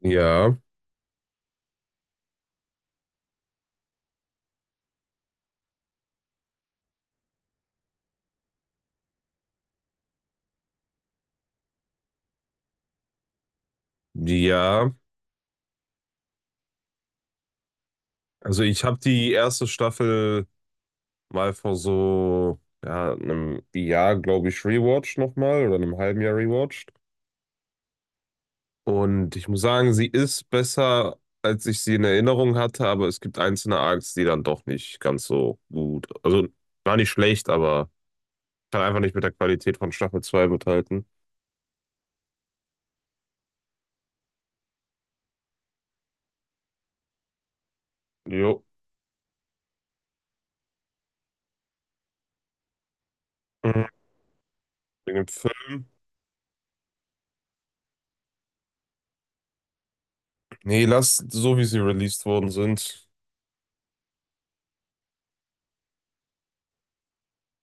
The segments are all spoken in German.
Ja, ja. Also ich habe die erste Staffel mal vor so ja, einem Jahr, glaube ich, rewatcht nochmal oder einem halben Jahr rewatcht. Und ich muss sagen, sie ist besser, als ich sie in Erinnerung hatte, aber es gibt einzelne Arcs, die dann doch nicht ganz so gut. Also war nicht schlecht, aber kann einfach nicht mit der Qualität von Staffel 2 mithalten. Jo. Mhm. Wegen dem Film. Nee, lass so, wie sie released worden sind.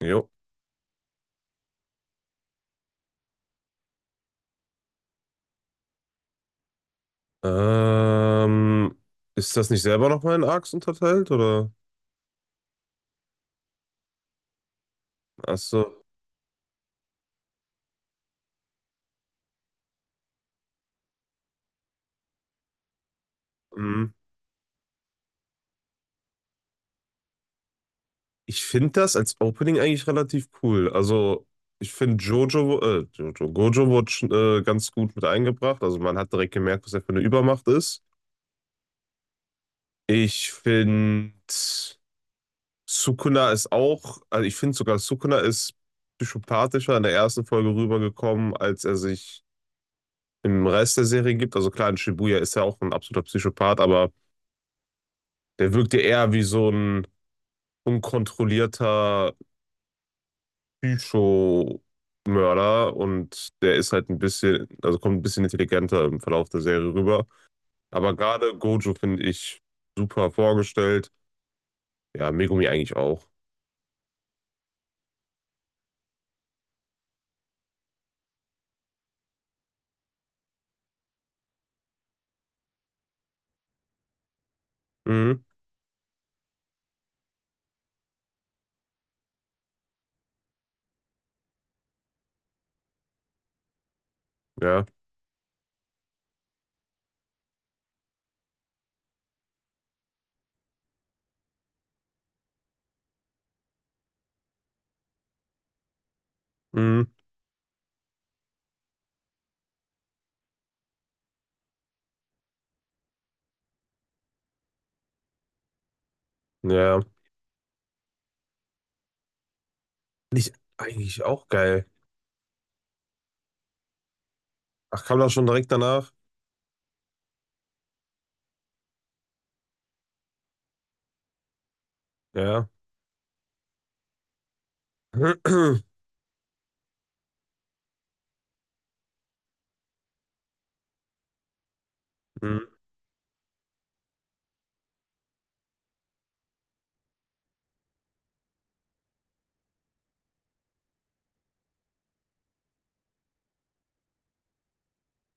Jo. Ähm, ist das nicht selber nochmal in Arcs unterteilt, oder? Ach so. Hm. Ich finde das als Opening eigentlich relativ cool. Also, ich finde Gojo wurde schon, ganz gut mit eingebracht. Also, man hat direkt gemerkt, was er für eine Übermacht ist. Ich finde, Sukuna ist auch, also ich finde sogar, Sukuna ist psychopathischer in der ersten Folge rübergekommen, als er sich im Rest der Serie gibt. Also, klar, in Shibuya ist er auch ein absoluter Psychopath, aber der wirkte eher wie so ein unkontrollierter Psycho-Mörder und der ist halt ein bisschen, also kommt ein bisschen intelligenter im Verlauf der Serie rüber. Aber gerade Gojo finde ich super vorgestellt. Ja, Megumi eigentlich auch. Mhm, ja, mhm, ja. Finde ich eigentlich auch geil. Ach, kam das schon direkt danach? Ja. Mhm.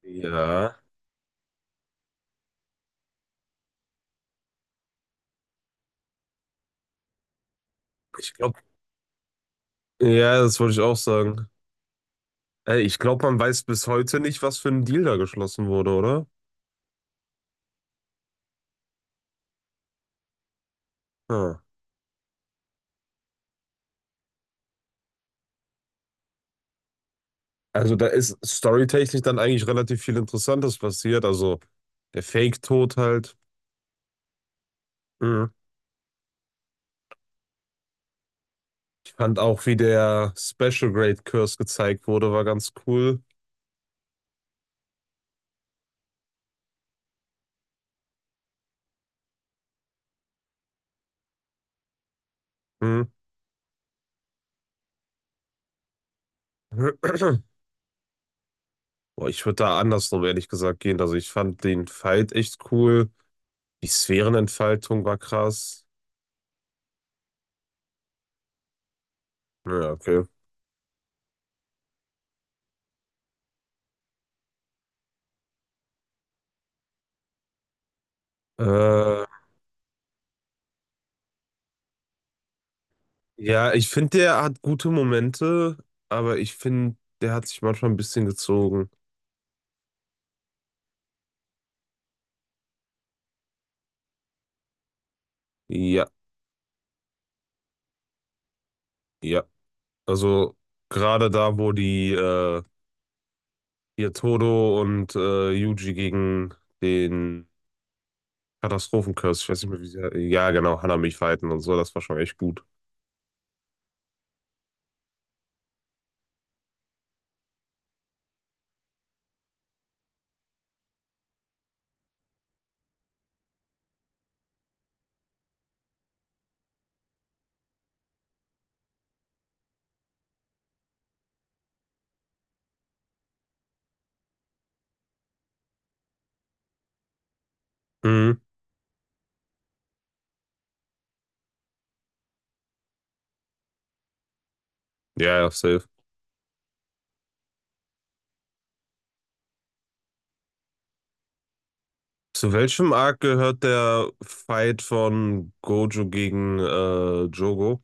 Ja, ich glaube, ja, das wollte ich auch sagen. Ey, ich glaube, man weiß bis heute nicht, was für ein Deal da geschlossen wurde, oder? Hm. Also da ist storytechnisch dann eigentlich relativ viel Interessantes passiert. Also der Fake-Tod halt. Mhm. Ich fand auch, wie der Special Grade Curse gezeigt wurde, war ganz cool. Mhm. Boah, ich würde da andersrum ehrlich gesagt gehen. Also ich fand den Fight echt cool. Die Sphärenentfaltung war krass. Ja, okay. Äh, ja, ich finde, der hat gute Momente, aber ich finde, der hat sich manchmal ein bisschen gezogen. Ja, ja. Also gerade da, wo die hier Todo und Yuji gegen den Katastrophenkurs, ich weiß nicht mehr, wie sie, ja genau, Hanami fighten und so, das war schon echt gut. Mhm. Ja, ja, safe. Zu welchem Arc gehört der Fight von Gojo gegen Jogo?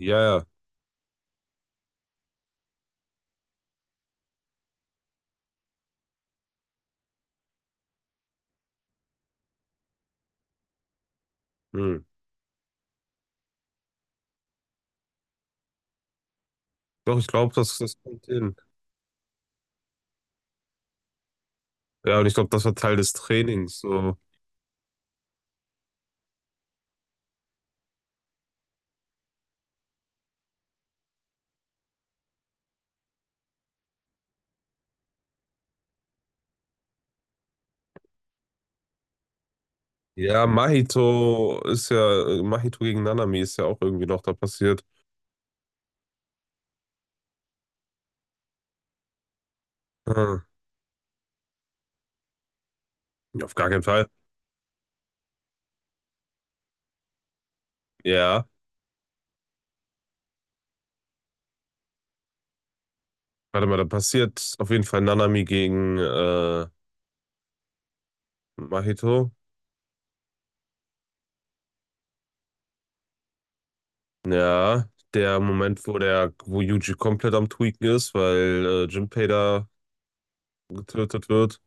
Ja, ja. Hm. Doch, ich glaube, das, das kommt hin. Ja, und ich glaube, das war Teil des Trainings. So. Ja, Mahito ist ja, Mahito gegen Nanami ist ja auch irgendwie noch da passiert. Hm. Auf gar keinen Fall. Ja. Warte mal, da passiert auf jeden Fall Nanami gegen Mahito. Ja, der Moment, wo der, wo Yuji komplett am Tweaken ist, weil Jinpei da getötet wird.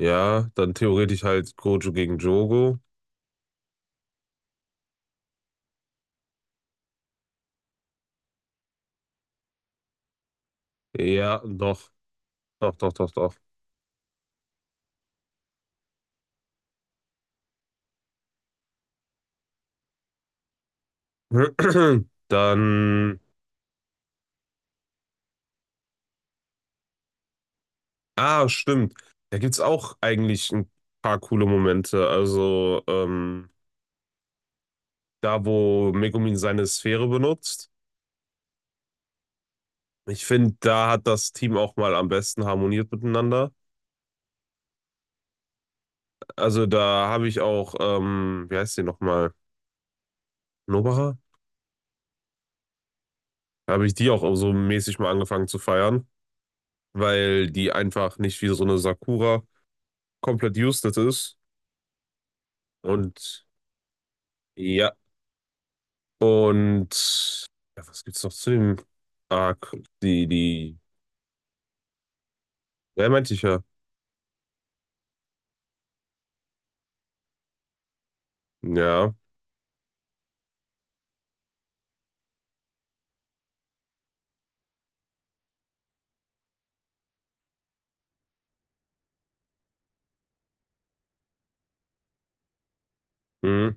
Ja, dann theoretisch halt Gojo gegen Jogo. Ja, doch, doch, doch, doch, doch. Dann, ah, stimmt. Da gibt's auch eigentlich ein paar coole Momente. Also, da, wo Megumin seine Sphäre benutzt. Ich finde, da hat das Team auch mal am besten harmoniert miteinander. Also da habe ich auch, wie heißt die nochmal? Nobacher? Da habe ich die auch so mäßig mal angefangen zu feiern, weil die einfach nicht wie so eine Sakura komplett useless ist. Und ja, und ja, was gibt's noch zu dem Arc? Die, die, ja, meinte ich ja. Ja, hm.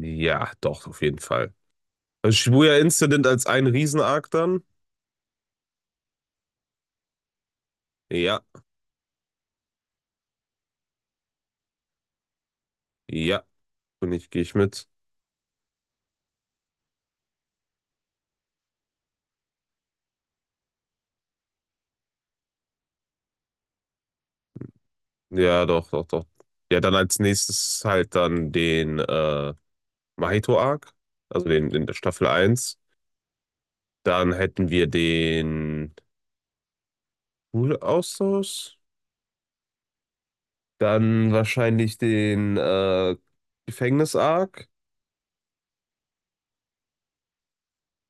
Ja, doch, auf jeden Fall. Also Shibuya Incident als ein Riesen-Arc dann? Ja, ja, und ich gehe ich mit. Ja, doch, doch, doch. Ja, dann als nächstes halt dann den Mahito-Arc, also den in der Staffel eins. Dann hätten wir den Schulaustausch. Dann wahrscheinlich den Gefängnis-Arc.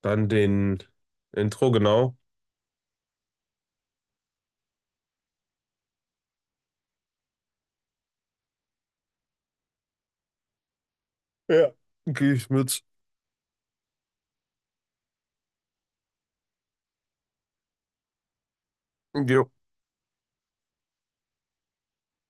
Dann den Intro, genau. Ja. Gehe ich mit. Jo.